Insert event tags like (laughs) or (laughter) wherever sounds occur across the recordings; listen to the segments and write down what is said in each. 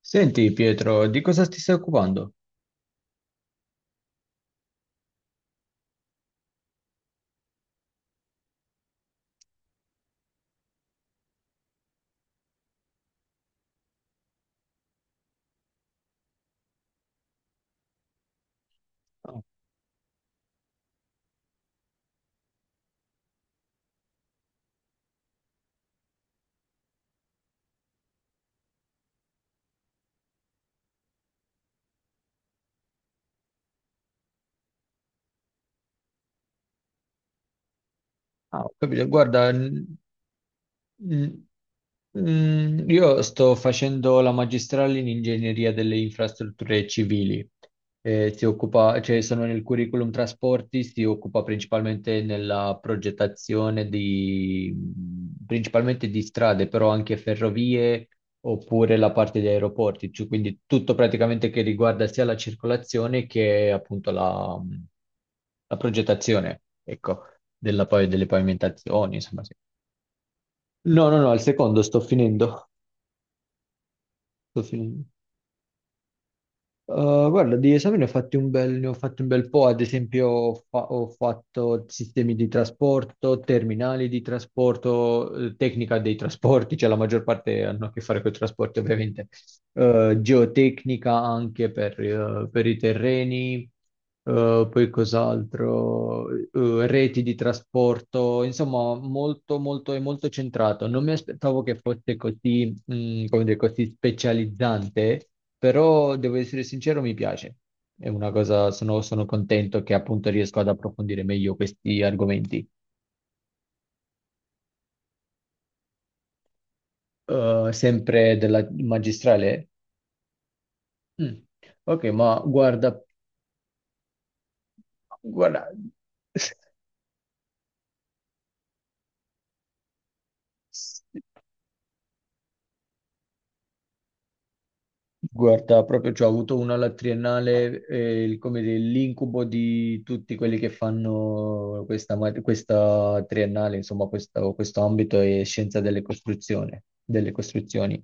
Senti Pietro, di cosa ti stai occupando? Ah, ho capito. Guarda, Mm, io sto facendo la magistrale in ingegneria delle infrastrutture civili. Si occupa, cioè sono nel curriculum trasporti, si occupa principalmente nella progettazione di, principalmente di strade, però anche ferrovie oppure la parte di aeroporti, cioè, quindi tutto praticamente che riguarda sia la circolazione che appunto la, la progettazione, ecco, della, poi, delle pavimentazioni, insomma. Sì. No, no, no, il secondo sto finendo. Sto finendo. Guarda, di esami ne ho fatti un bel po', ad esempio ho fatto sistemi di trasporto, terminali di trasporto, tecnica dei trasporti, cioè la maggior parte hanno a che fare con i trasporti ovviamente. Geotecnica anche per i terreni, poi cos'altro, reti di trasporto, insomma molto è molto centrato. Non mi aspettavo che fosse così come dire, così specializzante, però devo essere sincero, mi piace. È una cosa, sono contento che appunto riesco ad approfondire meglio questi argomenti. Sempre della magistrale? Mm. Ok, ma guarda, guarda, (laughs) Guarda, proprio cioè, ho avuto una alla triennale, come dire, l'incubo di tutti quelli che fanno questa triennale, insomma, questo ambito è scienza delle costruzioni, delle costruzioni.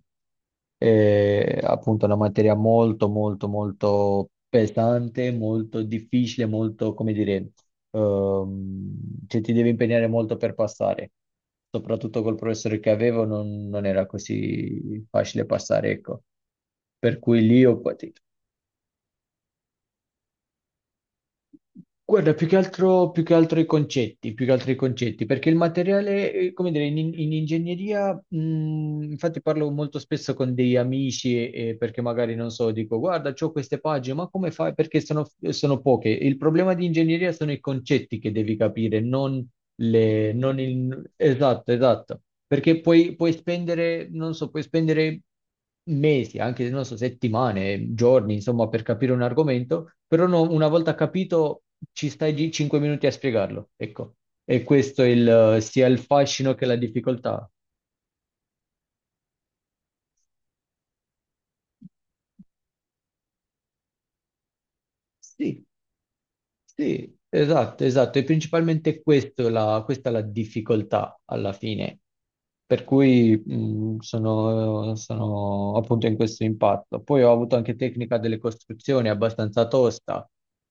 È appunto una materia molto, molto, molto pesante, molto difficile, molto, come dire, ehm, cioè, ti devi impegnare molto per passare. Soprattutto col professore che avevo non era così facile passare, ecco, per cui lì ho patito. Guarda, più che altro i concetti, più che altro i concetti, perché il materiale, come dire, in ingegneria, infatti parlo molto spesso con degli amici, perché magari non so, dico, guarda, c'ho queste pagine, ma come fai? Perché sono, sono poche. Il problema di ingegneria sono i concetti che devi capire, non esatto, esatto, perché puoi spendere, non so, puoi spendere mesi, anche non so, settimane, giorni, insomma, per capire un argomento, però una volta capito ci stai lì 5 minuti a spiegarlo, ecco. E questo è il, sia il fascino che la difficoltà. Sì. Sì, esatto, esatto, e principalmente questa è la difficoltà alla fine, per cui sono, sono appunto in questo impatto. Poi ho avuto anche tecnica delle costruzioni abbastanza tosta,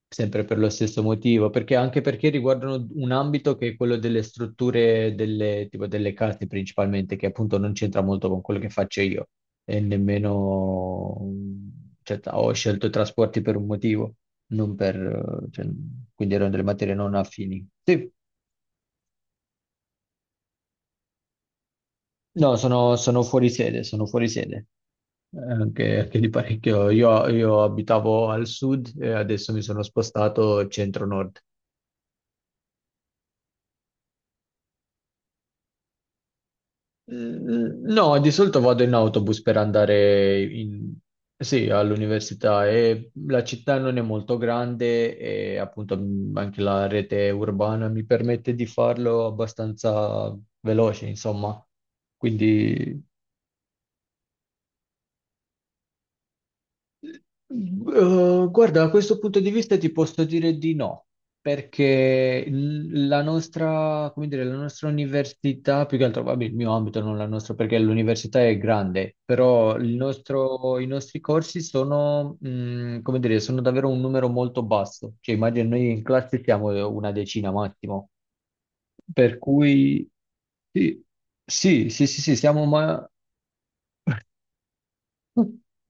sempre per lo stesso motivo, perché anche perché riguardano un ambito che è quello delle strutture delle, tipo delle case principalmente, che appunto non c'entra molto con quello che faccio io, e nemmeno, cioè, ho scelto i trasporti per un motivo non per, cioè, quindi erano delle materie non affini. Sì, no, sono, sono fuori sede, sono fuori sede. Anche, anche di parecchio. Io abitavo al sud e adesso mi sono spostato centro-nord. Mm, no, di solito vado in autobus per andare sì, all'università e la città non è molto grande e appunto mm, anche la rete urbana mi permette di farlo abbastanza veloce, insomma. Quindi Eh, guarda, da questo punto di vista ti posso dire di no, perché la nostra, come dire, la nostra università, più che altro, vabbè, il mio ambito, non la nostra, perché l'università è grande, però i nostri corsi sono, come dire, sono davvero un numero molto basso. Cioè, immagino noi in classe siamo una decina massimo, per cui sì, sì, sì, sì, sì, siamo ma... (laughs)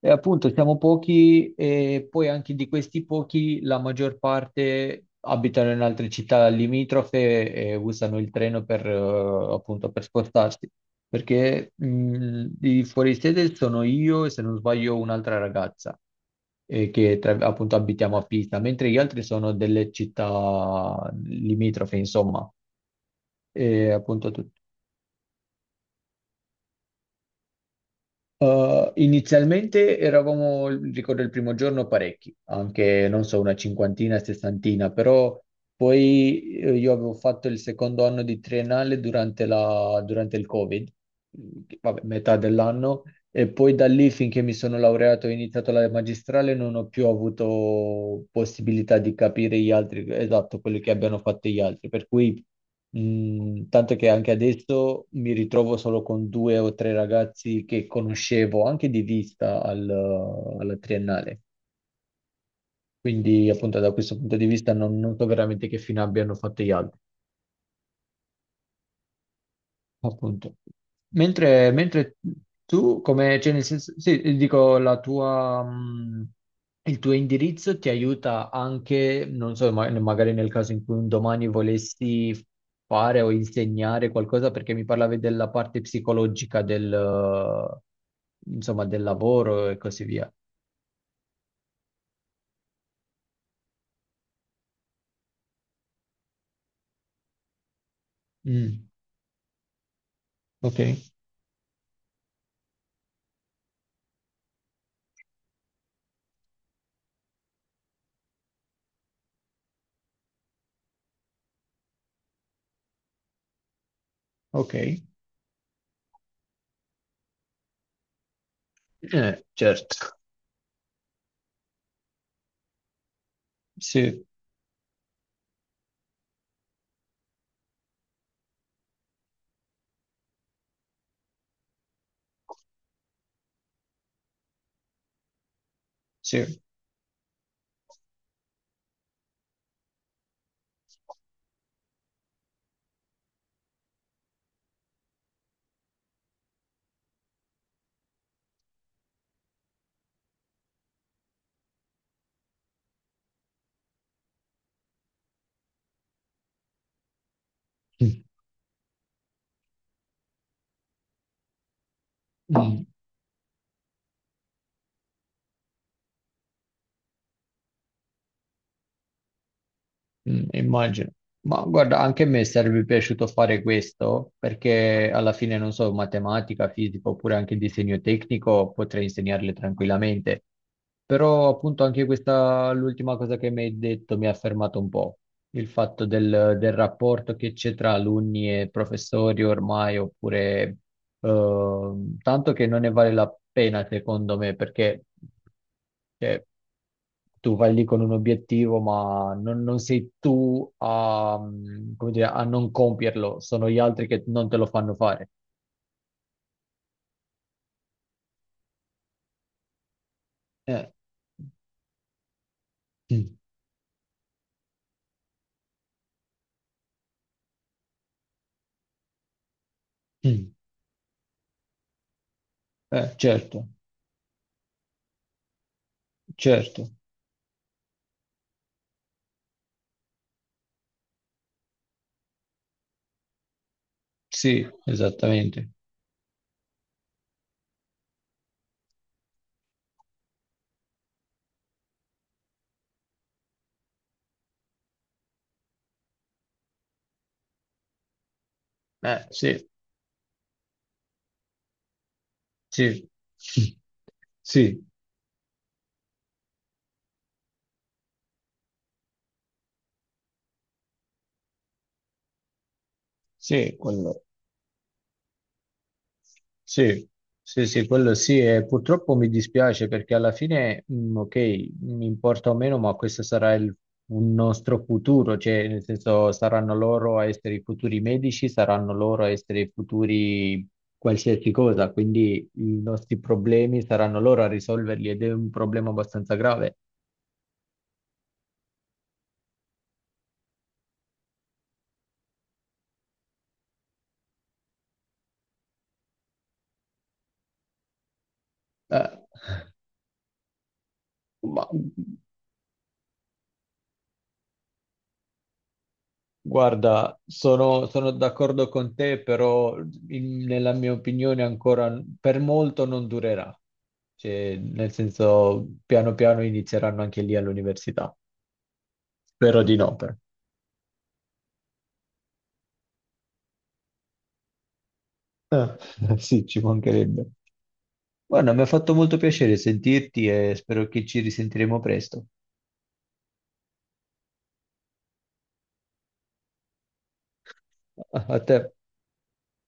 E appunto siamo pochi e poi anche di questi pochi la maggior parte abitano in altre città limitrofe e usano il treno per, appunto, per spostarsi. Perché di fuori sede sono io e se non sbaglio un'altra ragazza appunto abitiamo a Pisa, mentre gli altri sono delle città limitrofe, insomma. E appunto inizialmente eravamo, ricordo il primo giorno, parecchi, anche non so, una cinquantina, sessantina, però poi io avevo fatto il secondo anno di triennale durante il Covid, mm, vabbè, metà dell'anno, e poi da lì finché mi sono laureato e ho iniziato la magistrale non ho più avuto possibilità di capire gli altri, esatto, quello che abbiano fatto gli altri, per cui mm, tanto che anche adesso mi ritrovo solo con due o tre ragazzi che conoscevo anche di vista alla triennale. Quindi, appunto, da questo punto di vista non, non so veramente che fine abbiano fatto gli altri. Appunto. Mentre tu, come, cioè nel senso, sì, dico, la tua, il tuo indirizzo ti aiuta anche, non so, magari nel caso in cui un domani volessi fare o insegnare qualcosa, perché mi parlavi della parte psicologica del, insomma, del lavoro e così via. Mm, ok, ok. Certo, sì, sì. Mm. Mm, immagino. Ma guarda, anche a me sarebbe piaciuto fare questo perché alla fine, non so, matematica, fisica oppure anche disegno tecnico potrei insegnarle tranquillamente. Però appunto anche questa, l'ultima cosa che mi hai detto mi ha fermato un po', il fatto del, del rapporto che c'è tra alunni e professori ormai, oppure tanto che non ne vale la pena, secondo me, perché cioè, tu vai lì con un obiettivo, ma non, non sei tu a, mm, come dire, a non compierlo, sono gli altri che non te lo fanno fare. Eh, Mm, mm. Certo, certo, sì, esattamente. Sì, sì, (laughs) sì, sì, quello. Sì, sì, sì, quello sì, e purtroppo mi dispiace perché alla fine, mm, ok, mi importa o meno, ma questo sarà il, un nostro futuro, cioè nel senso saranno loro a essere i futuri medici, saranno loro a essere i futuri qualsiasi cosa, quindi i nostri problemi saranno loro a risolverli ed è un problema abbastanza grave. Eh, ma guarda, sono, sono d'accordo con te, però nella mia opinione ancora per molto non durerà. Cioè, nel senso, piano piano inizieranno anche lì all'università. Spero di no, però. (laughs) Sì, ci mancherebbe. Guarda, mi ha fatto molto piacere sentirti e spero che ci risentiremo presto. A a te.